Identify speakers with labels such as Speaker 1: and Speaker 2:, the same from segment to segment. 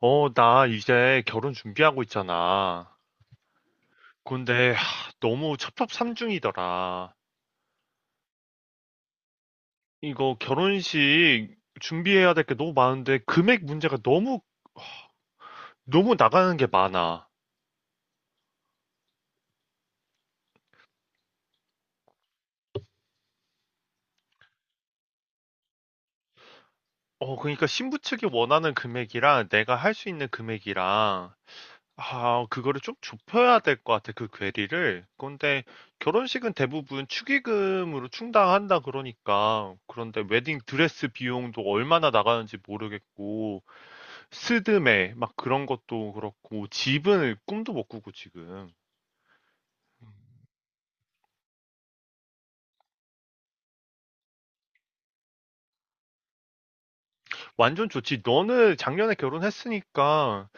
Speaker 1: 어, 나 이제 결혼 준비하고 있잖아. 근데 하, 너무 첩첩산중이더라. 이거 결혼식 준비해야 될 게 너무 많은데 금액 문제가 너무 나가는 게 많아. 어, 그러니까 신부 측이 원하는 금액이랑 내가 할 수 있는 금액이랑 아, 그거를 좀 좁혀야 될 것 같아, 그 괴리를. 근데 결혼식은 대부분 축의금으로 충당한다 그러니까. 그런데 웨딩 드레스 비용도 얼마나 나가는지 모르겠고. 스드메 막 그런 것도 그렇고 집은 꿈도 못 꾸고 지금 완전 좋지. 너는 작년에 결혼했으니까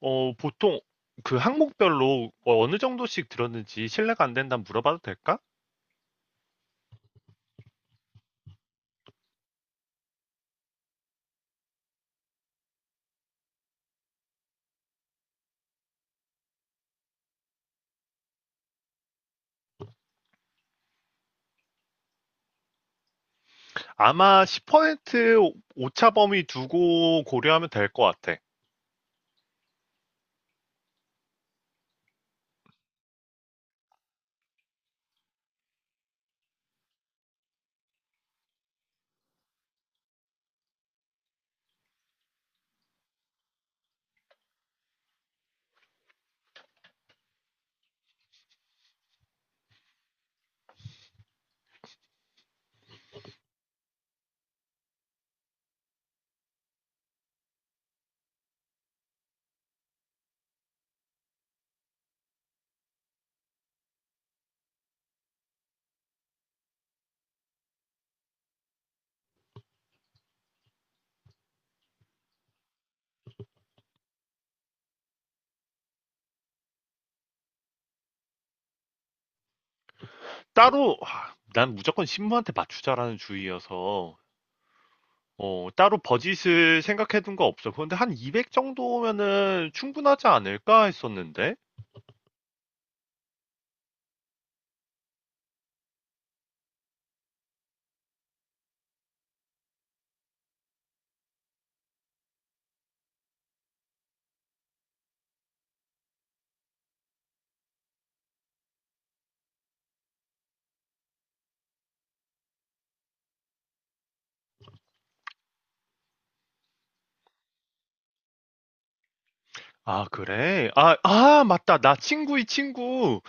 Speaker 1: 어 보통 그 항목별로 어, 어느 정도씩 들었는지 신뢰가 안 된다면 물어봐도 될까? 아마 10% 오차 범위 두고 고려하면 될 것 같아. 따로 아, 난 무조건 신부한테 맞추자라는 주의여서 어, 따로 버짓을 생각해 둔 거 없어. 그런데 한 200 정도면은 충분하지 않을까 했었는데. 아 그래? 아, 아 맞다. 나 친구의 친구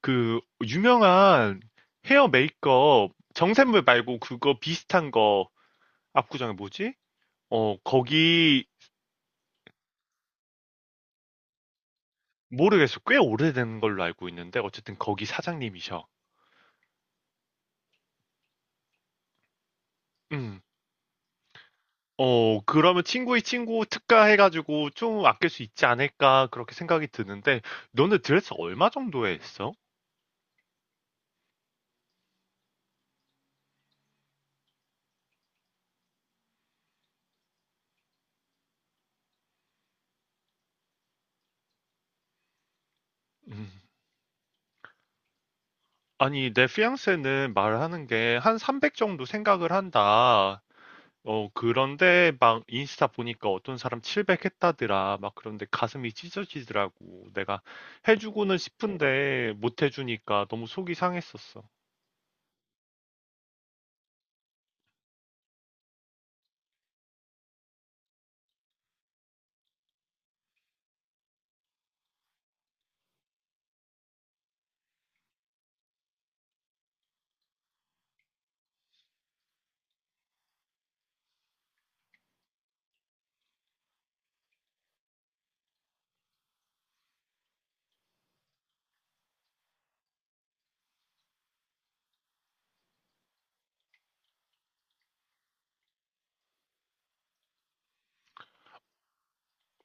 Speaker 1: 그 유명한 헤어 메이크업 정샘물 말고 그거 비슷한 거 압구정에 뭐지? 어 거기 모르겠어. 꽤 오래된 걸로 알고 있는데 어쨌든 거기 사장님이셔. 음. 어 그러면 친구의 친구 특가 해가지고 좀 아낄 수 있지 않을까 그렇게 생각이 드는데 너네 드레스 얼마 정도에 했어? 음. 아니 내 피앙세는 말하는 게 한 300 정도 생각을 한다. 어, 그런데 막 인스타 보니까 어떤 사람 700 했다더라. 막 그런데 가슴이 찢어지더라고. 내가 해주고는 싶은데 못 해주니까 너무 속이 상했었어.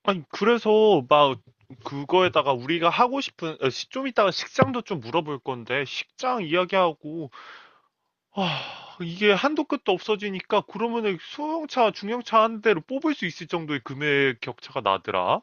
Speaker 1: 아니, 그래서 막 그거에다가 우리가 하고 싶은, 어, 좀 이따가 식장도 좀 물어볼 건데, 식장 이야기하고, 아, 이게 한도 끝도 없어지니까 그러면은 소형차, 중형차 한 대로 뽑을 수 있을 정도의 금액 격차가 나더라.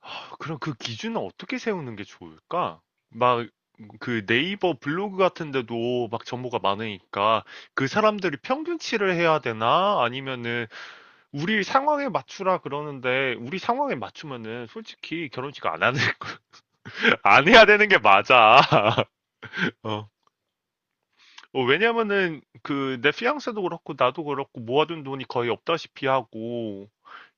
Speaker 1: 아, 그럼 그 기준은 어떻게 세우는 게 좋을까? 막, 그 네이버 블로그 같은 데도 막 정보가 많으니까 그 사람들이 평균치를 해야 되나? 아니면은 우리 상황에 맞추라 그러는데 우리 상황에 맞추면은 솔직히 결혼식 안 하는 안 해야 되는 게 맞아. 어. 어, 왜냐면은 그 내 피앙세도 그렇고 나도 그렇고 모아둔 돈이 거의 없다시피 하고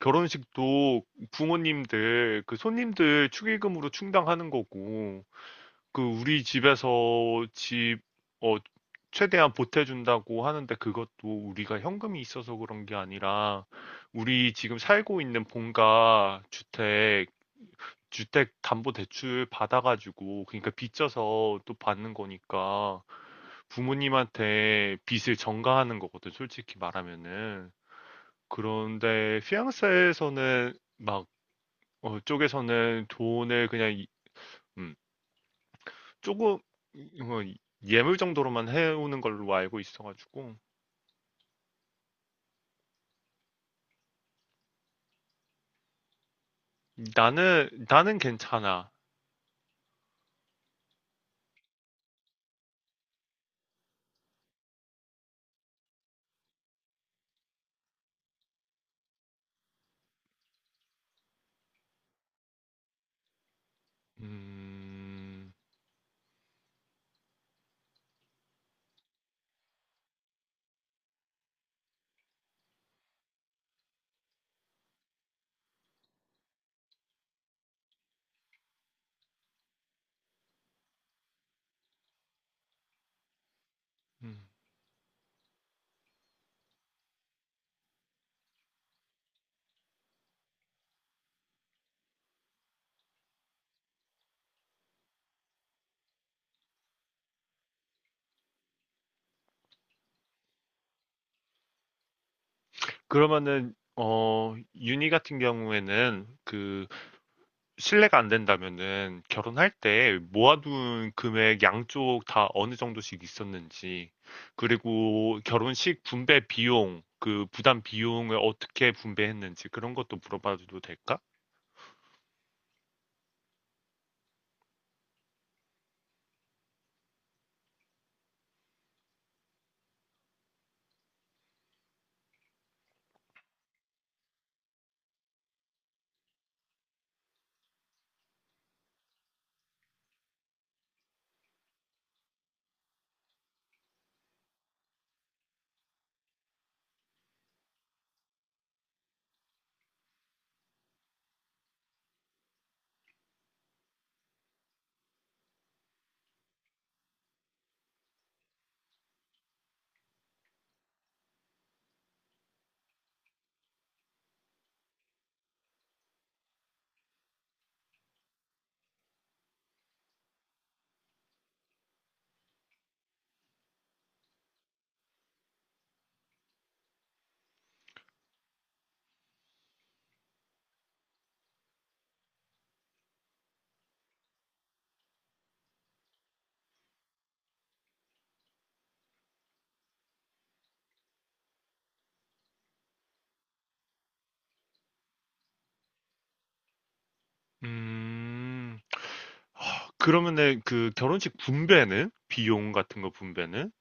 Speaker 1: 결혼식도 부모님들 그 손님들 축의금으로 충당하는 거고 그 우리 집에서 집, 어, 최대한 보태준다고 하는데 그것도 우리가 현금이 있어서 그런 게 아니라 우리 지금 살고 있는 본가 주택, 주택 담보 대출 받아가지고 그러니까 빚져서 또 받는 거니까 부모님한테 빚을 전가하는 거거든, 솔직히 말하면은. 그런데 피앙세에서는 막 어, 쪽에서는 돈을 그냥 음, 조금 뭐 예물 정도로만 해오는 걸로 알고 있어가지고 나는 괜찮아. 음, 음. 그러면은 어 윤희 같은 경우에는 그 신뢰가 안 된다면은 결혼할 때 모아둔 금액 양쪽 다 어느 정도씩 있었는지 그리고 결혼식 분배 비용 그 부담 비용을 어떻게 분배했는지 그런 것도 물어봐도 될까? 음. 아, 그러면은 그 결혼식 분배는? 비용 같은 거 분배는?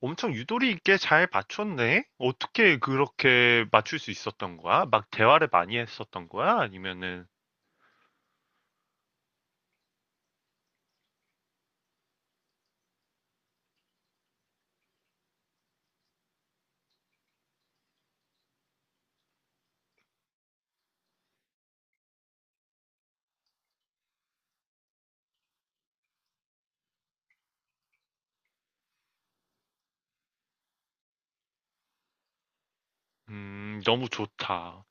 Speaker 1: 엄청 유도리 있게 잘 맞췄네? 어떻게 그렇게 맞출 수 있었던 거야? 막 대화를 많이 했었던 거야? 아니면은, 너무 좋다.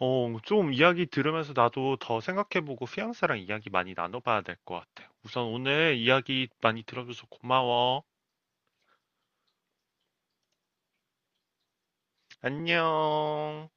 Speaker 1: 어, 좀 이야기 들으면서 나도 더 생각해보고 피앙사랑 이야기 많이 나눠봐야 될 것 같아. 우선 오늘 이야기 많이 들어줘서 고마워. 안녕.